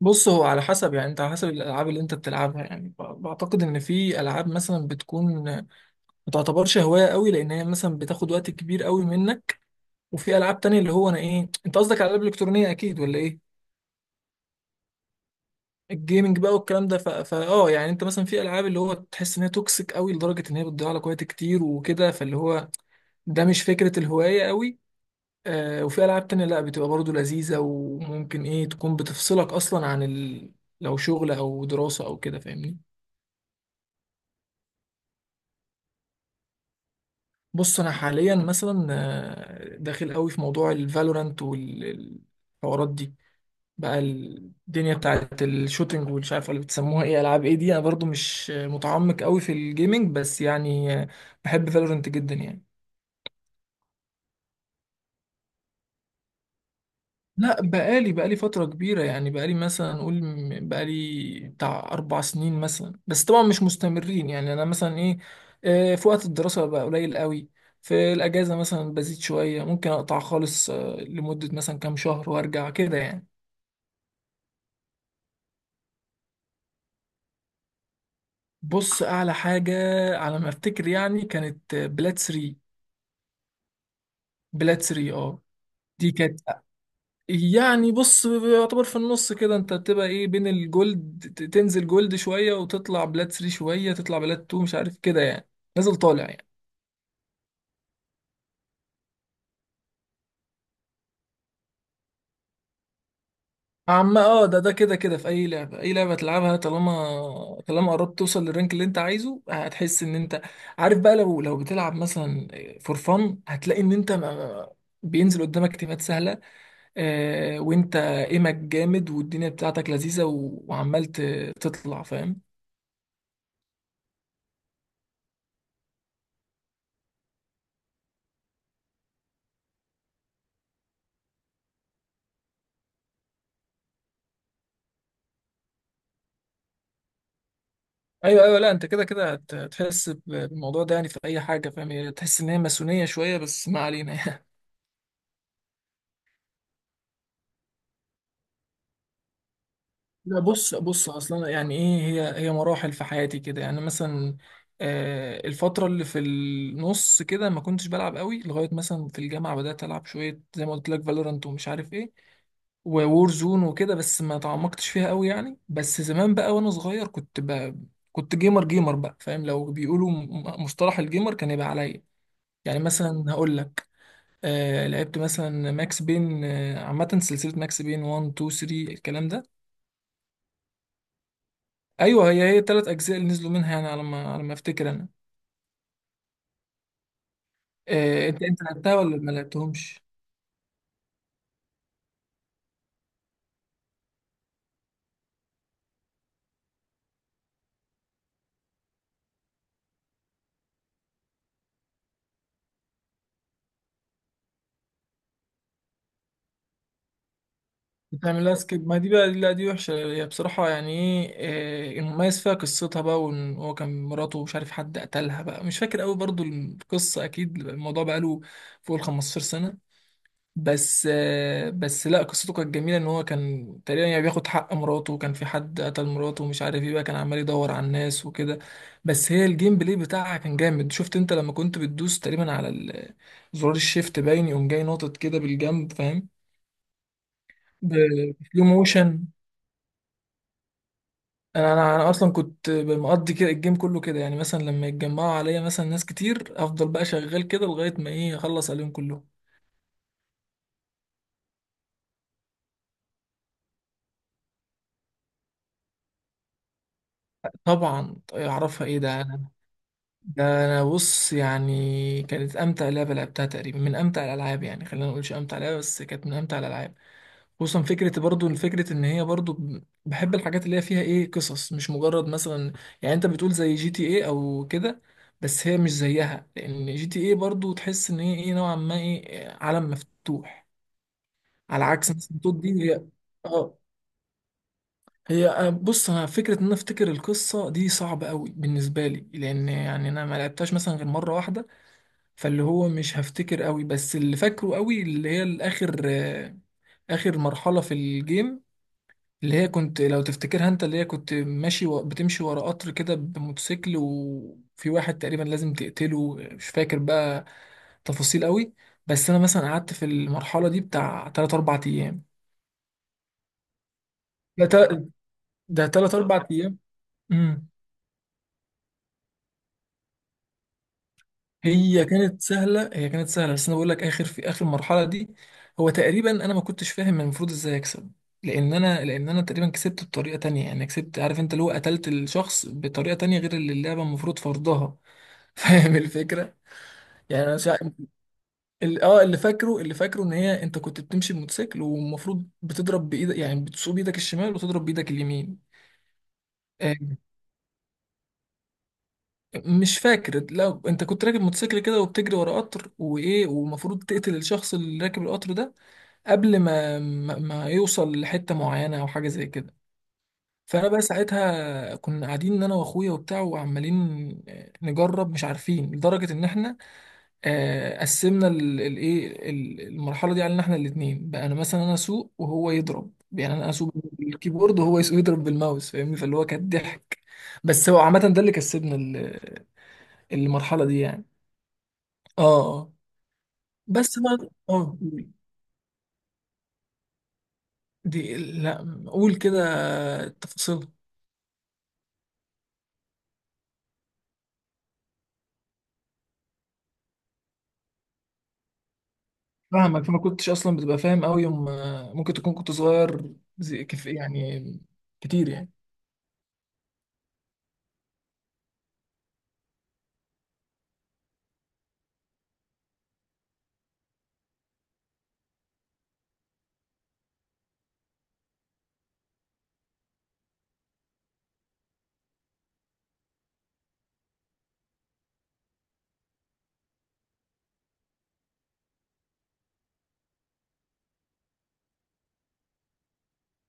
بص، هو على حسب يعني. انت على حسب الالعاب اللي انت بتلعبها، يعني بعتقد ان في العاب مثلا بتكون ما تعتبرش هوايه قوي، لان هي مثلا بتاخد وقت كبير قوي منك. وفي العاب تانية اللي هو انا ايه، انت قصدك على الالعاب الالكترونيه اكيد ولا ايه؟ الجيمنج بقى والكلام ده، يعني انت مثلا في العاب اللي هو تحس ان هي توكسيك قوي لدرجه ان هي بتضيع لك وقت كتير وكده، فاللي هو ده مش فكره الهوايه قوي. وفي العاب تانية لا، بتبقى برضو لذيذه وممكن ايه تكون بتفصلك اصلا عن لو شغل او دراسه او كده، فاهمني. بص، انا حاليا مثلا داخل قوي في موضوع الفالورانت والحوارات دي بقى، الدنيا بتاعت الشوتينج والمش عارف اللي بتسموها ايه، العاب ايه دي. انا برضو مش متعمق قوي في الجيمنج، بس بحب فالورانت جدا يعني. لا، بقالي فترة كبيرة، يعني بقالي مثلا نقول بقالي بتاع 4 سنين مثلا، بس طبعا مش مستمرين. يعني أنا مثلا إيه، في وقت الدراسة بقى قليل قوي. في الأجازة مثلا بزيد شوية، ممكن أقطع خالص لمدة مثلا كام شهر، وأرجع كده يعني. بص، أعلى حاجة على ما أفتكر يعني كانت بلاد 3. بلاد 3، أه. دي كانت يعني، بص، يعتبر في النص كده، انت بتبقى ايه بين الجولد، تنزل جولد شوية وتطلع بلات 3 شوية، تطلع بلات 2، مش عارف كده يعني. نازل طالع يعني. عم اه ده ده كده في اي لعبة، اي لعبة تلعبها، طالما قربت توصل للرانك اللي انت عايزه، هتحس ان انت عارف بقى. لو لو بتلعب مثلا فور فن، هتلاقي ان انت بينزل قدامك تيمات سهلة، وانت ايمك جامد، والدنيا بتاعتك لذيذة، وعمال تطلع، فاهم. ايوه ايوه، لا انت كده هتحس بالموضوع ده يعني في اي حاجه، فاهم، هي تحس ان هي ماسونيه شويه، بس ما علينا يعني. لا، بص اصلا يعني ايه، هي مراحل في حياتي كده يعني. مثلا آه، الفتره اللي في النص كده ما كنتش بلعب قوي، لغايه مثلا في الجامعه بدات العب شويه زي ما قلت لك فالورانت ومش عارف ايه، وور زون وكده، بس ما تعمقتش فيها قوي يعني. بس زمان بقى وانا صغير كنت كنت جيمر بقى، فاهم، لو بيقولوا مصطلح الجيمر كان يبقى عليا. يعني مثلا هقول لك، آه، لعبت مثلا ماكس بين، آه، عامة سلسلة ماكس بين 1 2 3، الكلام ده. ايوه، هي الثلاث اجزاء اللي نزلوا منها يعني، على ما على ما افتكر انا. آه، انت لعبتها ولا ما لعبتهمش؟ بتعملها سكيب؟ ما دي بقى لا، دي وحشة هي بصراحة يعني. ايه المميز فيها قصتها بقى، وان هو كان مراته مش عارف حد قتلها بقى، مش فاكر قوي برضو القصة اكيد، الموضوع بقى له فوق ال 15 سنة. بس بس لا، قصته كانت جميله. ان هو كان تقريبا يعني بياخد حق مراته، وكان في حد قتل مراته ومش عارف ايه بقى، كان عمال يدور على الناس وكده. بس هي الجيم بلاي بتاعها كان جامد. شفت انت لما كنت بتدوس تقريبا على زرار الشيفت، باين يقوم جاي ناطط كده بالجنب، فاهم، بسلو موشن. انا انا أنا اصلا كنت مقضي كده الجيم كله كده، يعني مثلا لما يتجمعوا عليا مثلا ناس كتير، افضل بقى شغال كده لغايه ما ايه اخلص عليهم كلهم. طبعا اعرفها، ايه ده! ده انا، بص يعني، كانت امتع لعبه لعبتها تقريبا، من امتع الالعاب. يعني خلينا ما نقولش امتع لعبه، بس كانت من امتع الالعاب. خصوصا فكره، برضو فكره ان هي برضو بحب الحاجات اللي هي فيها ايه، قصص، مش مجرد مثلا، يعني انت بتقول زي جي تي ايه او كده، بس هي مش زيها. لان جي تي ايه برضو تحس ان هي ايه نوعا ما ايه، عالم مفتوح، على عكس مثلا توت دي. هي اه، هي بص، انا فكره ان انا افتكر القصه دي صعبه قوي بالنسبه لي، لان يعني انا ما لعبتهاش مثلا غير مره واحده. فاللي هو مش هفتكر قوي، بس اللي فاكره قوي اللي هي الاخر، اخر مرحلة في الجيم، اللي هي كنت، لو تفتكرها انت، اللي هي كنت ماشي بتمشي ورا قطر كده بموتوسيكل، وفي واحد تقريبا لازم تقتله. مش فاكر بقى تفاصيل قوي. بس انا مثلا قعدت في المرحلة دي بتاع 3 4 ايام. ده تا- ده 3 4 ايام. امم. هي كانت سهله، هي كانت سهله بس انا بقول لك اخر، في اخر المرحله دي، هو تقريبا انا ما كنتش فاهم أنا المفروض ازاي اكسب، لان انا، لان انا تقريبا كسبت بطريقه تانية، يعني كسبت، عارف انت، اللي هو قتلت الشخص بطريقه تانية غير اللي اللعبه المفروض فرضها. فاهم الفكره. يعني انا اللي فاكره، اللي فاكره ان هي انت كنت بتمشي بموتوسيكل، والمفروض بتضرب بايدك، يعني بتسوق بايدك الشمال وتضرب بايدك اليمين. آه، مش فاكر. لا، انت كنت راكب موتوسيكل كده وبتجري ورا قطر وايه، ومفروض تقتل الشخص اللي راكب القطر ده قبل ما يوصل لحتة معينة أو حاجة زي كده. فأنا بقى ساعتها كنا قاعدين أنا وأخويا وبتاع، وعمالين نجرب مش عارفين لدرجة إن إحنا، قسمنا المرحلة دي علينا إحنا الاتنين بقى. أنا مثلا، أنا أسوق وهو يضرب، يعني أنا أسوق بالكيبورد وهو يضرب بالماوس، فاهمني، فاللي هو كان ضحك. بس هو عامة ده اللي كسبنا المرحلة دي يعني. آه. آه. بس بقى آه، دي لا. قول كده تفاصيل. فاهمك. فما كنتش اصلا بتبقى فاهم قوي يوم، ممكن تكون كنت صغير زي كف يعني، كتير يعني.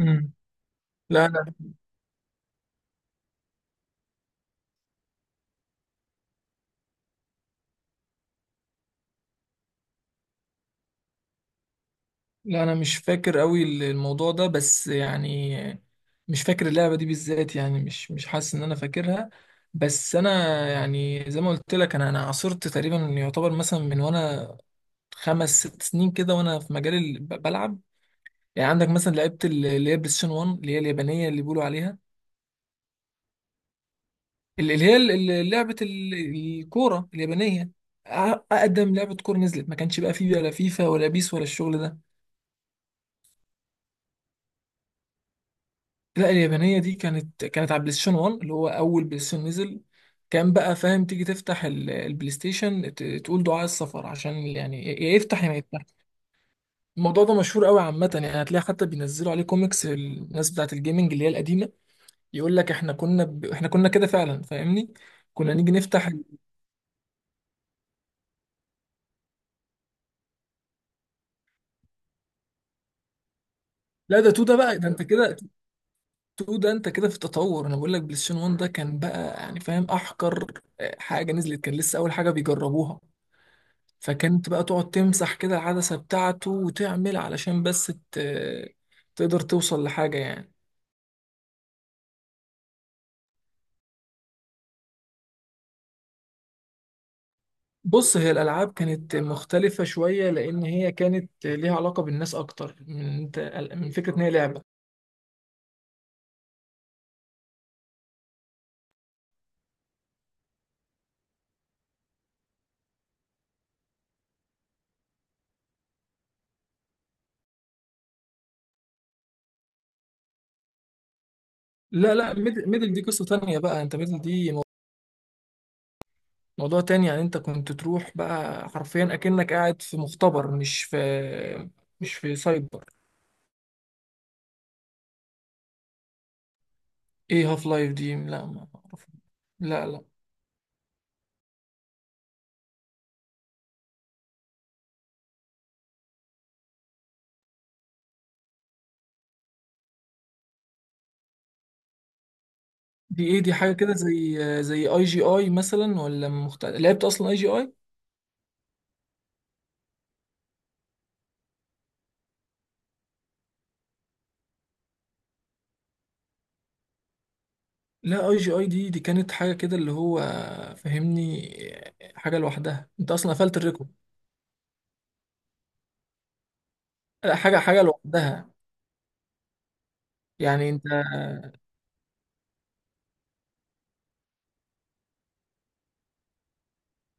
امم. لا انا، لا انا مش فاكر قوي الموضوع ده، بس يعني مش فاكر اللعبه دي بالذات يعني، مش مش حاسس ان انا فاكرها. بس انا يعني زي ما قلت لك، انا عاصرت تقريبا، يعتبر مثلا من وانا خمس ست سنين كده، وانا في مجال بلعب يعني. عندك مثلا، لعبت اللي هي بلاي ستيشن 1، اللي هي اليابانيه اللي بيقولوا عليها ال- اللي هي ال- ال- لعبة الكورة اليابانية. أ- أقدم لعبة كورة نزلت، ما كانش بقى فيه ولا فيفا ولا بيس ولا الشغل ده. لا، اليابانية دي كانت على بلاي ستيشن 1، اللي هو أول بلاي ستيشن نزل. كان بقى فاهم، تيجي تفتح البلاي ستيشن، تقول دعاء السفر عشان يعني، يا يفتح يا ما يفتح. الموضوع ده مشهور قوي عامة، يعني هتلاقي حتى بينزلوا عليه كوميكس الناس بتاعة الجيمنج اللي هي القديمة، يقول لك احنا كنا احنا كنا كده فعلا، فاهمني، كنا نيجي نفتح لا، ده تو. ده بقى، ده انت كده 2، ده انت كده في التطور. انا بقول لك بلاي ستيشن 1 ده كان بقى يعني فاهم احقر حاجه نزلت، كان لسه اول حاجه بيجربوها. فكنت بقى تقعد تمسح كده العدسه بتاعته وتعمل علشان بس تقدر توصل لحاجه يعني. بص، هي الالعاب كانت مختلفه شويه، لان هي كانت ليها علاقه بالناس اكتر من انت، من فكره ان هي لعبه. لا لا، ميدل دي قصه تانية بقى. انت ميدل دي موضوع تاني يعني، انت كنت تروح بقى حرفيا اكنك قاعد في مختبر، مش في، مش في سايبر. ايه هاف لايف دي؟ لا ما اعرف. لا لا. دي ايه، دي حاجه كده زي زي اي جي اي مثلا، ولا لعبت اصلا اي جي اي؟ لا، اي جي اي دي، دي كانت حاجه كده اللي هو، فهمني، حاجه لوحدها. انت اصلا قفلت الريكورد. لا، حاجه، لوحدها. يعني انت،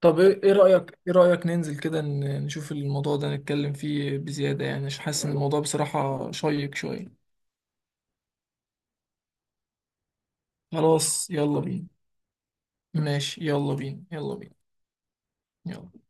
طب ايه، إيه رايك، ايه رايك ننزل كده نشوف الموضوع ده، نتكلم فيه بزياده يعني، عشان حاسس ان الموضوع بصراحه شيق شويه. خلاص، يلا بينا. ماشي، يلا بينا، يلا بينا. يلا.